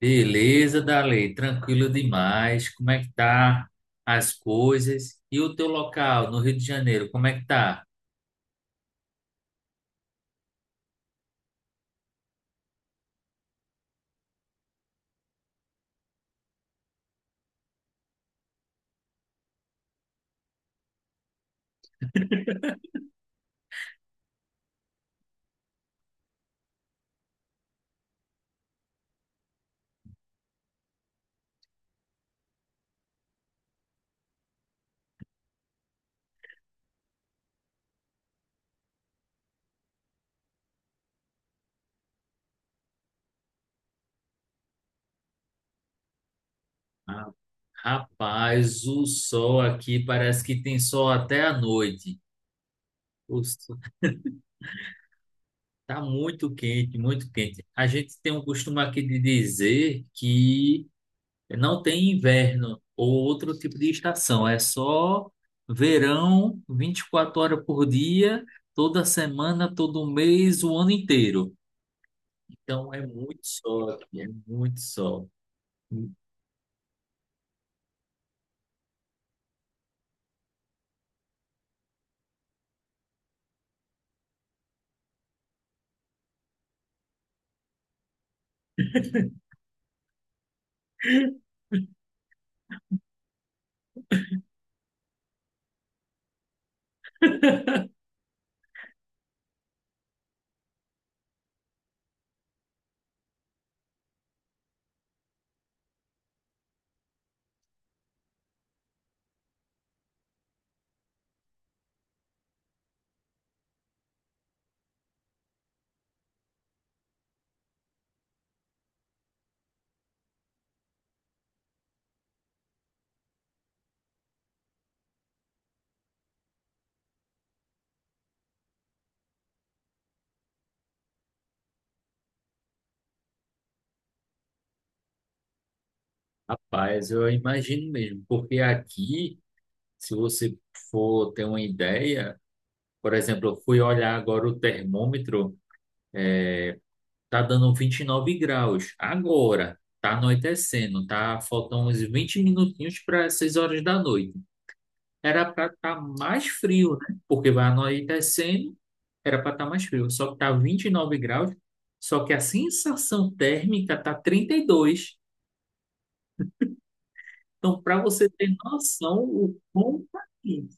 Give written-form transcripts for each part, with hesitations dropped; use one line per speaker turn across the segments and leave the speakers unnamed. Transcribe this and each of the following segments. Beleza, Dalei, tranquilo demais. Como é que tá as coisas? E o teu local no Rio de Janeiro, como é que tá? Ah, rapaz, o sol aqui parece que tem sol até à noite. O sol tá muito quente, muito quente. A gente tem um costume aqui de dizer que não tem inverno ou outro tipo de estação, é só verão, 24 horas por dia, toda semana, todo mês, o ano inteiro. Então é muito sol aqui, é muito sol. Rapaz, eu imagino mesmo, porque aqui, se você for ter uma ideia, por exemplo, eu fui olhar agora o termômetro, tá dando 29 graus agora, tá anoitecendo, tá faltando uns 20 minutinhos para 6 horas da noite. Era para estar mais frio, né? Porque vai anoitecendo, era para estar mais frio, só que tá 29 graus, só que a sensação térmica tá 32. Então, para você ter noção, o quão tá quente,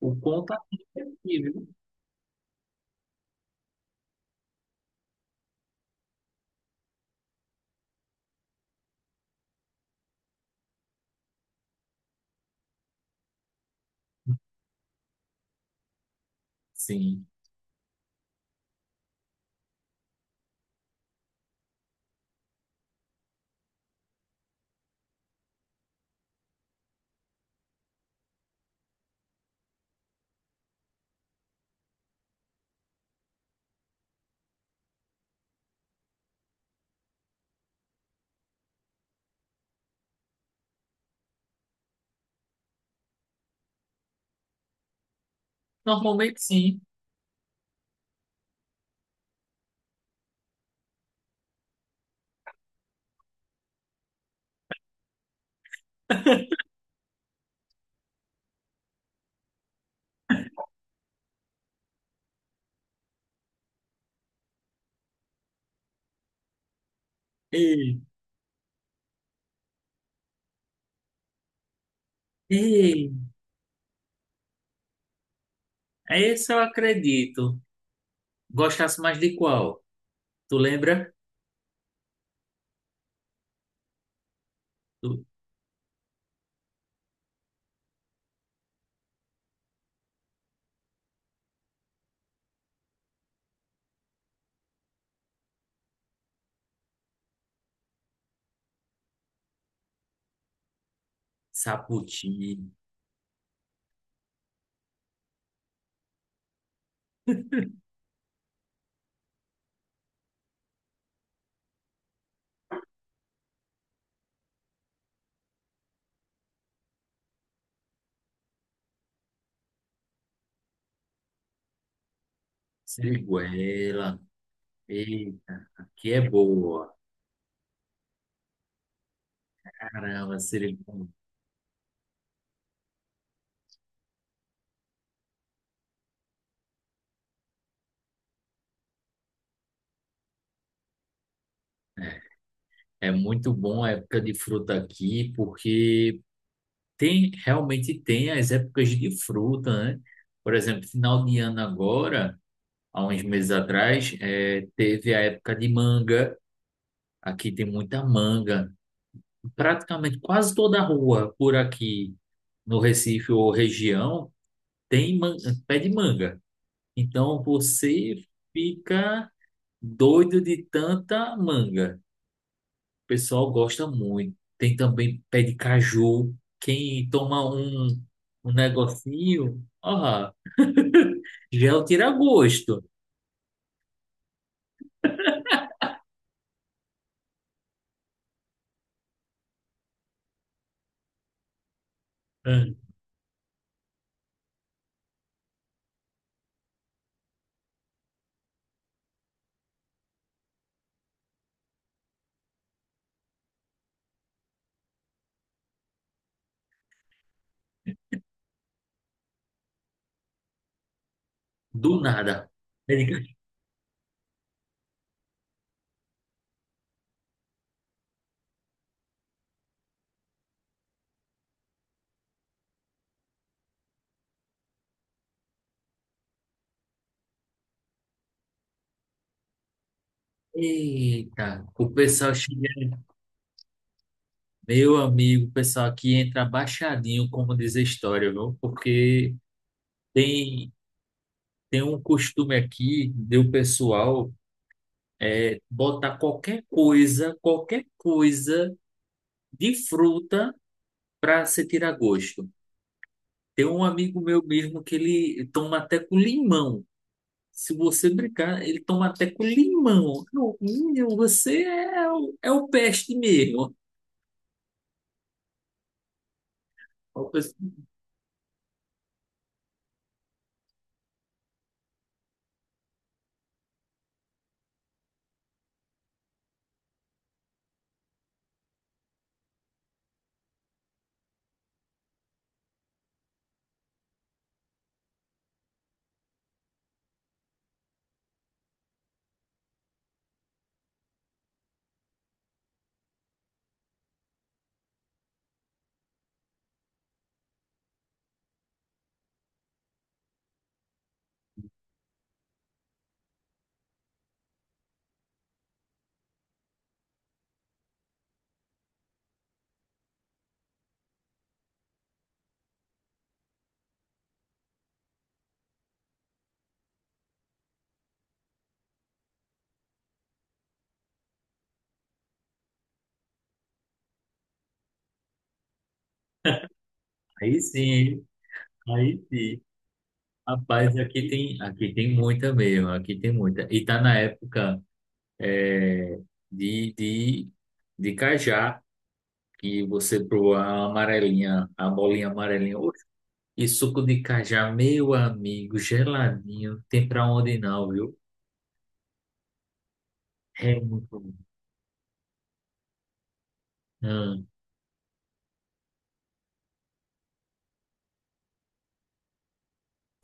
o quão tá quente é aqui, viu? Sim. Normalmente, sim. Ei, ei, é esse eu acredito. Gostasse mais de qual? Tu lembra? Do sapoti, siriguela. Ei, que é boa. Caramba, siriguela. É muito bom a época de fruta aqui, porque tem realmente tem as épocas de fruta, né? Por exemplo, final de ano agora. Há uns meses atrás, teve a época de manga. Aqui tem muita manga. Praticamente quase toda a rua por aqui no Recife ou região tem man- pé de manga. Então você fica doido de tanta manga. O pessoal gosta muito. Tem também pé de caju. Quem toma um, um negocinho, ó, já é o tira-gosto. Hum. Do nada. Eita, o pessoal chega, meu amigo, o pessoal aqui entra baixadinho, como diz a história, viu? Porque tem, tem um costume aqui do pessoal botar qualquer coisa de fruta para se tirar gosto. Tem um amigo meu mesmo que ele toma até com limão. Se você brincar, ele toma até com limão. Eu, "Menino, você é, é o peste mesmo." Aí sim, aí sim. Rapaz, aqui tem muita mesmo, aqui tem muita. E tá na época é, de, de, de cajá, que você proa a amarelinha, a bolinha amarelinha. Oxe, e suco de cajá, meu amigo, geladinho, tem pra onde não, viu? É muito bom. Hum,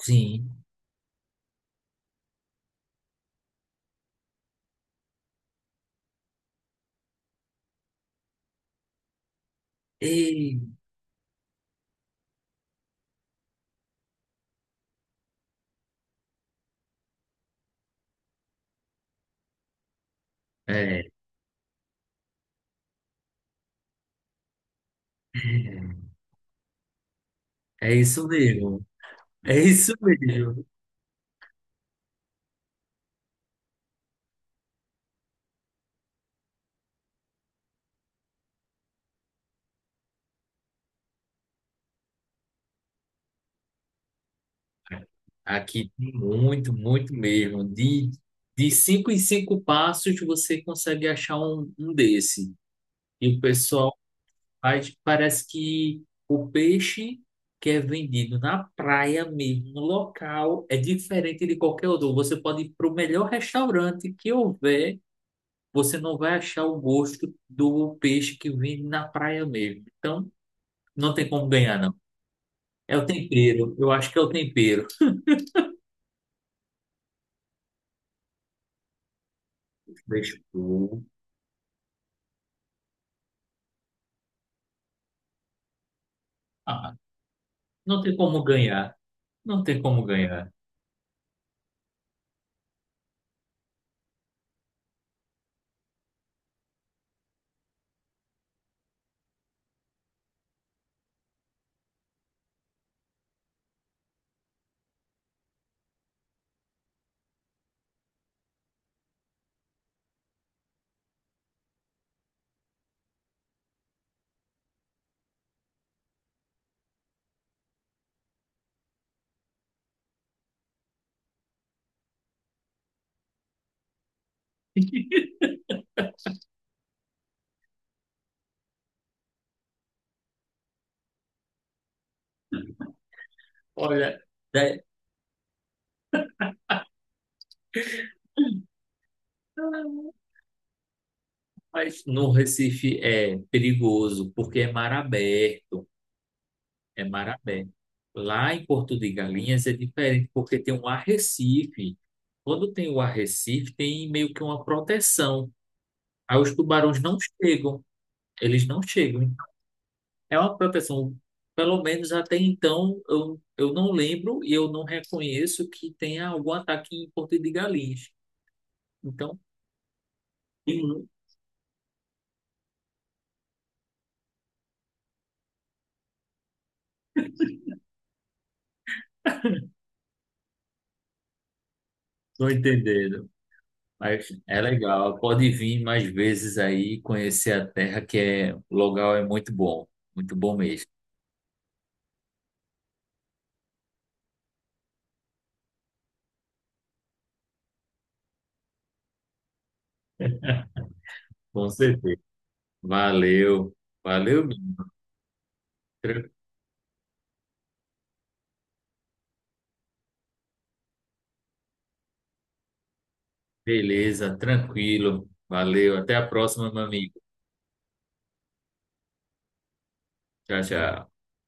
sim. Ei, é, é, é isso mesmo. É isso mesmo. Aqui tem muito, muito mesmo. De 5 em 5 passos você consegue achar um, um desse. E o pessoal faz, parece que o peixe que é vendido na praia mesmo, no local, é diferente de qualquer outro. Você pode ir para o melhor restaurante que houver, você não vai achar o gosto do peixe que vem na praia mesmo. Então, não tem como ganhar, não. É o tempero. Eu acho que é o tempero. Deixa eu... Ah, não tem como ganhar. Não tem como ganhar. Olha, né? Mas no Recife é perigoso, porque é mar aberto. É mar aberto. Lá em Porto de Galinhas é diferente, porque tem um arrecife. Quando tem o arrecife, tem meio que uma proteção. Aí os tubarões não chegam. Eles não chegam. É uma proteção. Pelo menos até então, eu não lembro e eu não reconheço que tenha algum ataque em Porto de Galinhas. Então, sim, tô entendendo. Mas é legal, pode vir mais vezes aí conhecer a terra, que é, o local é muito bom mesmo. Com certeza. Valeu, valeu, menino. Tran- beleza, tranquilo. Valeu, até a próxima, meu amigo. Tchau, tchau.